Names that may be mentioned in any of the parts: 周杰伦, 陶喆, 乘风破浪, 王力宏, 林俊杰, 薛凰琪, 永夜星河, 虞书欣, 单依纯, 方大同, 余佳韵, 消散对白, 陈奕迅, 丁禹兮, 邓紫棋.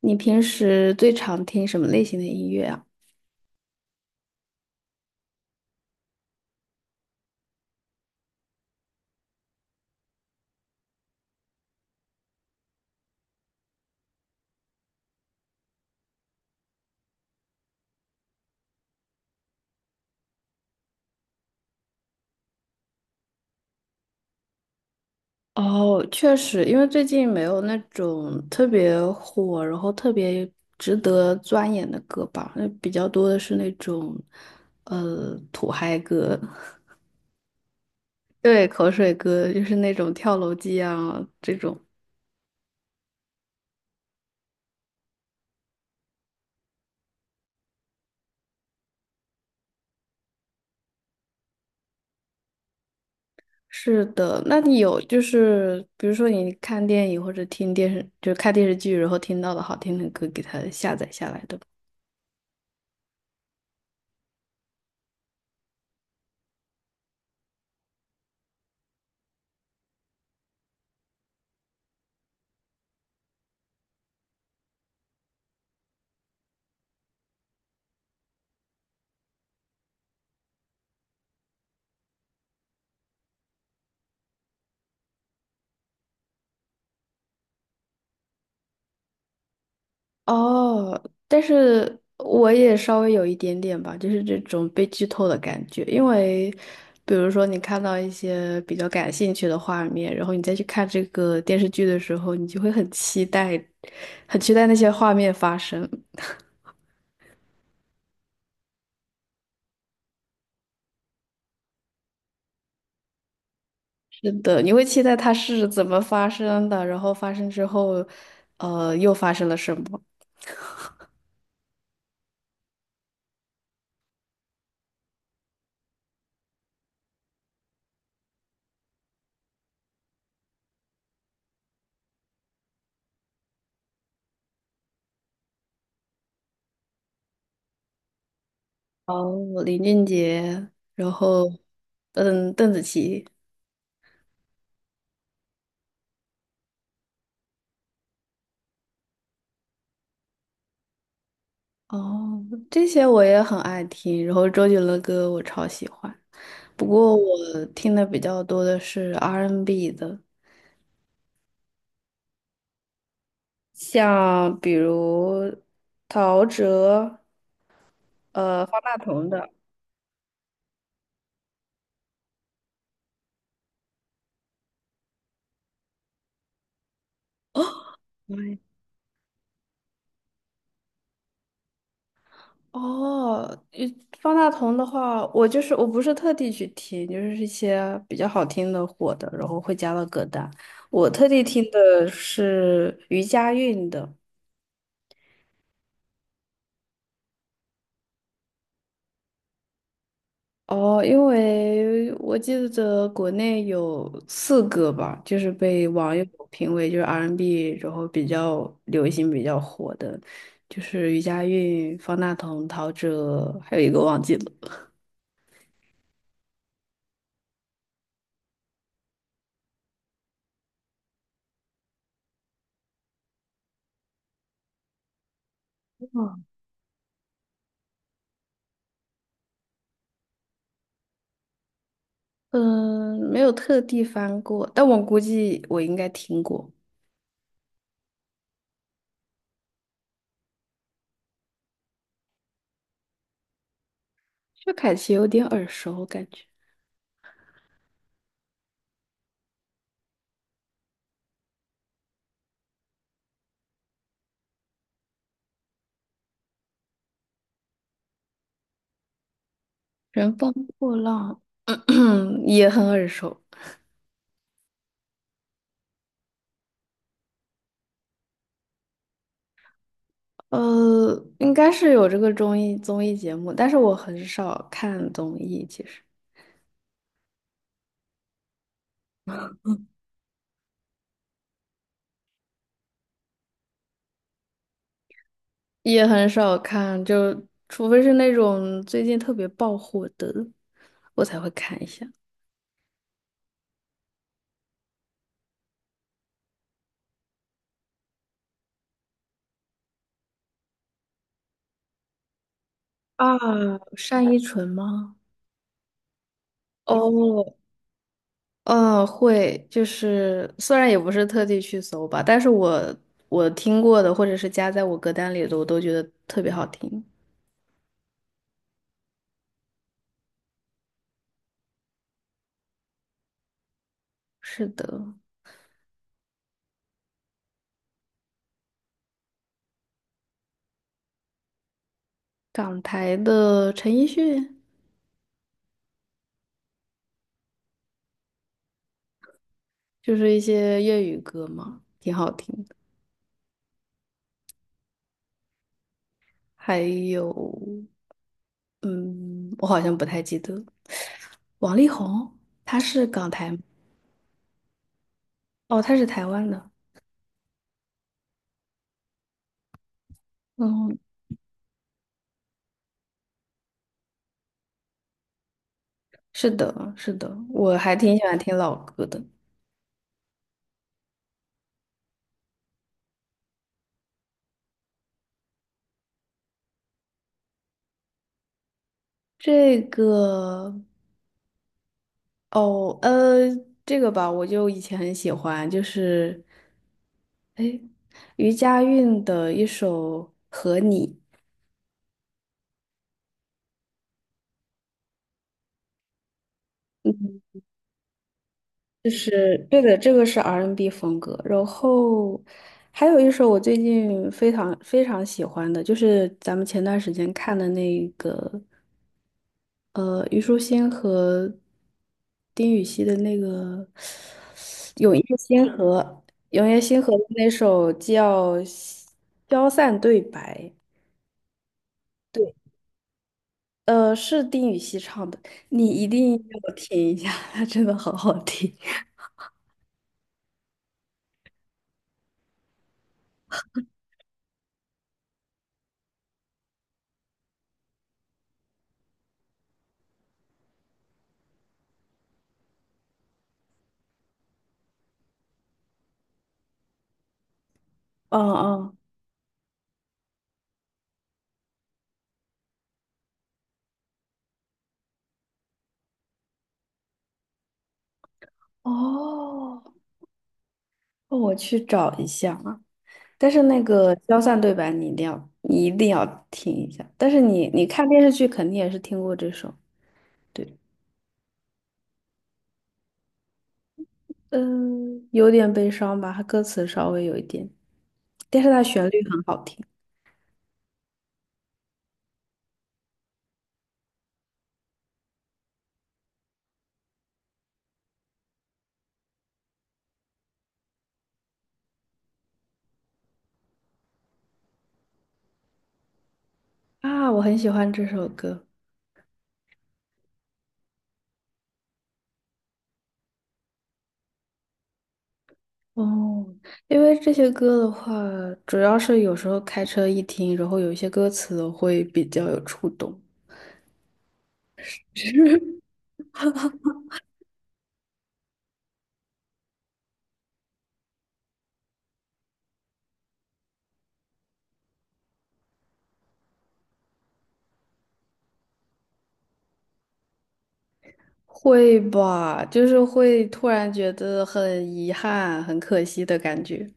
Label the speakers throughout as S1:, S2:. S1: 你平时最常听什么类型的音乐啊？哦，确实，因为最近没有那种特别火，然后特别值得钻研的歌吧，那比较多的是那种，土嗨歌。对，口水歌，就是那种跳楼机啊这种。是的，那你有就是比如说你看电影或者听电视，就是看电视剧，然后听到的好听的歌，给它下载下来的吗？哦，但是我也稍微有一点点吧，就是这种被剧透的感觉，因为比如说你看到一些比较感兴趣的画面，然后你再去看这个电视剧的时候，你就会很期待，很期待那些画面发生。是的，你会期待它是怎么发生的，然后发生之后，又发生了什么？哦，林俊杰，然后，嗯，邓紫棋。哦，这些我也很爱听，然后周杰伦的歌我超喜欢，不过我听的比较多的是 R&B N 的，像比如陶喆、方大同的。嗯，哦，方大同的话，我就是我不是特地去听，就是一些比较好听的火的，然后会加到歌单。我特地听的是余佳运的。哦，因为我记得国内有四个吧，就是被网友评为就是 R&B，N 然后比较流行、比较火的，就是余佳韵、方大同、陶喆，还有一个忘记了。哦，嗯，没有特地翻过，但我估计我应该听过。薛凯琪有点耳熟，感觉《乘风破浪》也很耳熟。呃，应该是有这个综艺节目，但是我很少看综艺，其实也很少看，就除非是那种最近特别爆火的，我才会看一下。啊，单依纯吗？哦，嗯，会，就是虽然也不是特地去搜吧，但是我听过的或者是加在我歌单里的，我都觉得特别好听。是的，港台的陈奕迅。就是一些粤语歌嘛，挺好听的。还有，嗯，我好像不太记得了。王力宏，他是港台吗？哦，他是台湾的。嗯，是的，是的，我还挺喜欢听老歌的。这个，哦，这个吧，我就以前很喜欢，就是，哎，余佳运的一首《和你》。嗯，就是对的，这个是 R&B n 风格。然后还有一首我最近非常非常喜欢的，就是咱们前段时间看的那个，虞书欣和丁禹兮的那个《永夜星河》，《永夜星河》的那首叫《消散对白》。对，是丁禹兮唱的，你一定要听一下，他真的好好听。嗯嗯，哦。哦，我去找一下啊。但是那个消散对白你一定要，你一定要听一下。但是你看电视剧肯定也是听过这首。对，嗯，有点悲伤吧，它歌词稍微有一点，但是它旋律很好听。啊，我很喜欢这首歌。哦，因为这些歌的话，主要是有时候开车一听，然后有一些歌词会比较有触动。会吧，就是会突然觉得很遗憾、很可惜的感觉。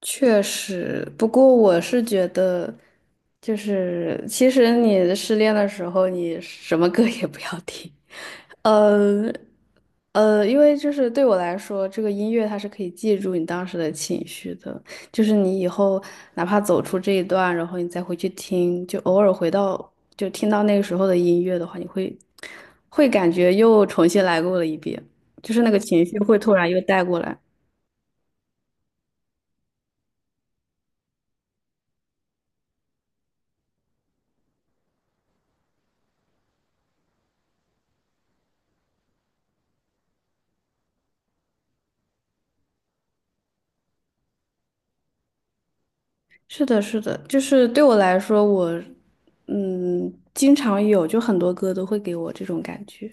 S1: 确实，不过我是觉得，就是其实你失恋的时候，你什么歌也不要听，呃因为就是对我来说，这个音乐它是可以记住你当时的情绪的，就是你以后哪怕走出这一段，然后你再回去听，就偶尔回到就听到那个时候的音乐的话，你会感觉又重新来过了一遍，就是那个情绪会突然又带过来。是的，是的，就是对我来说，我经常有，就很多歌都会给我这种感觉。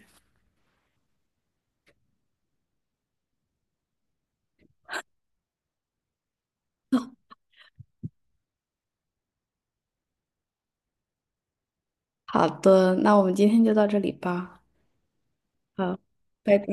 S1: 好的，那我们今天就到这里吧。好，拜拜。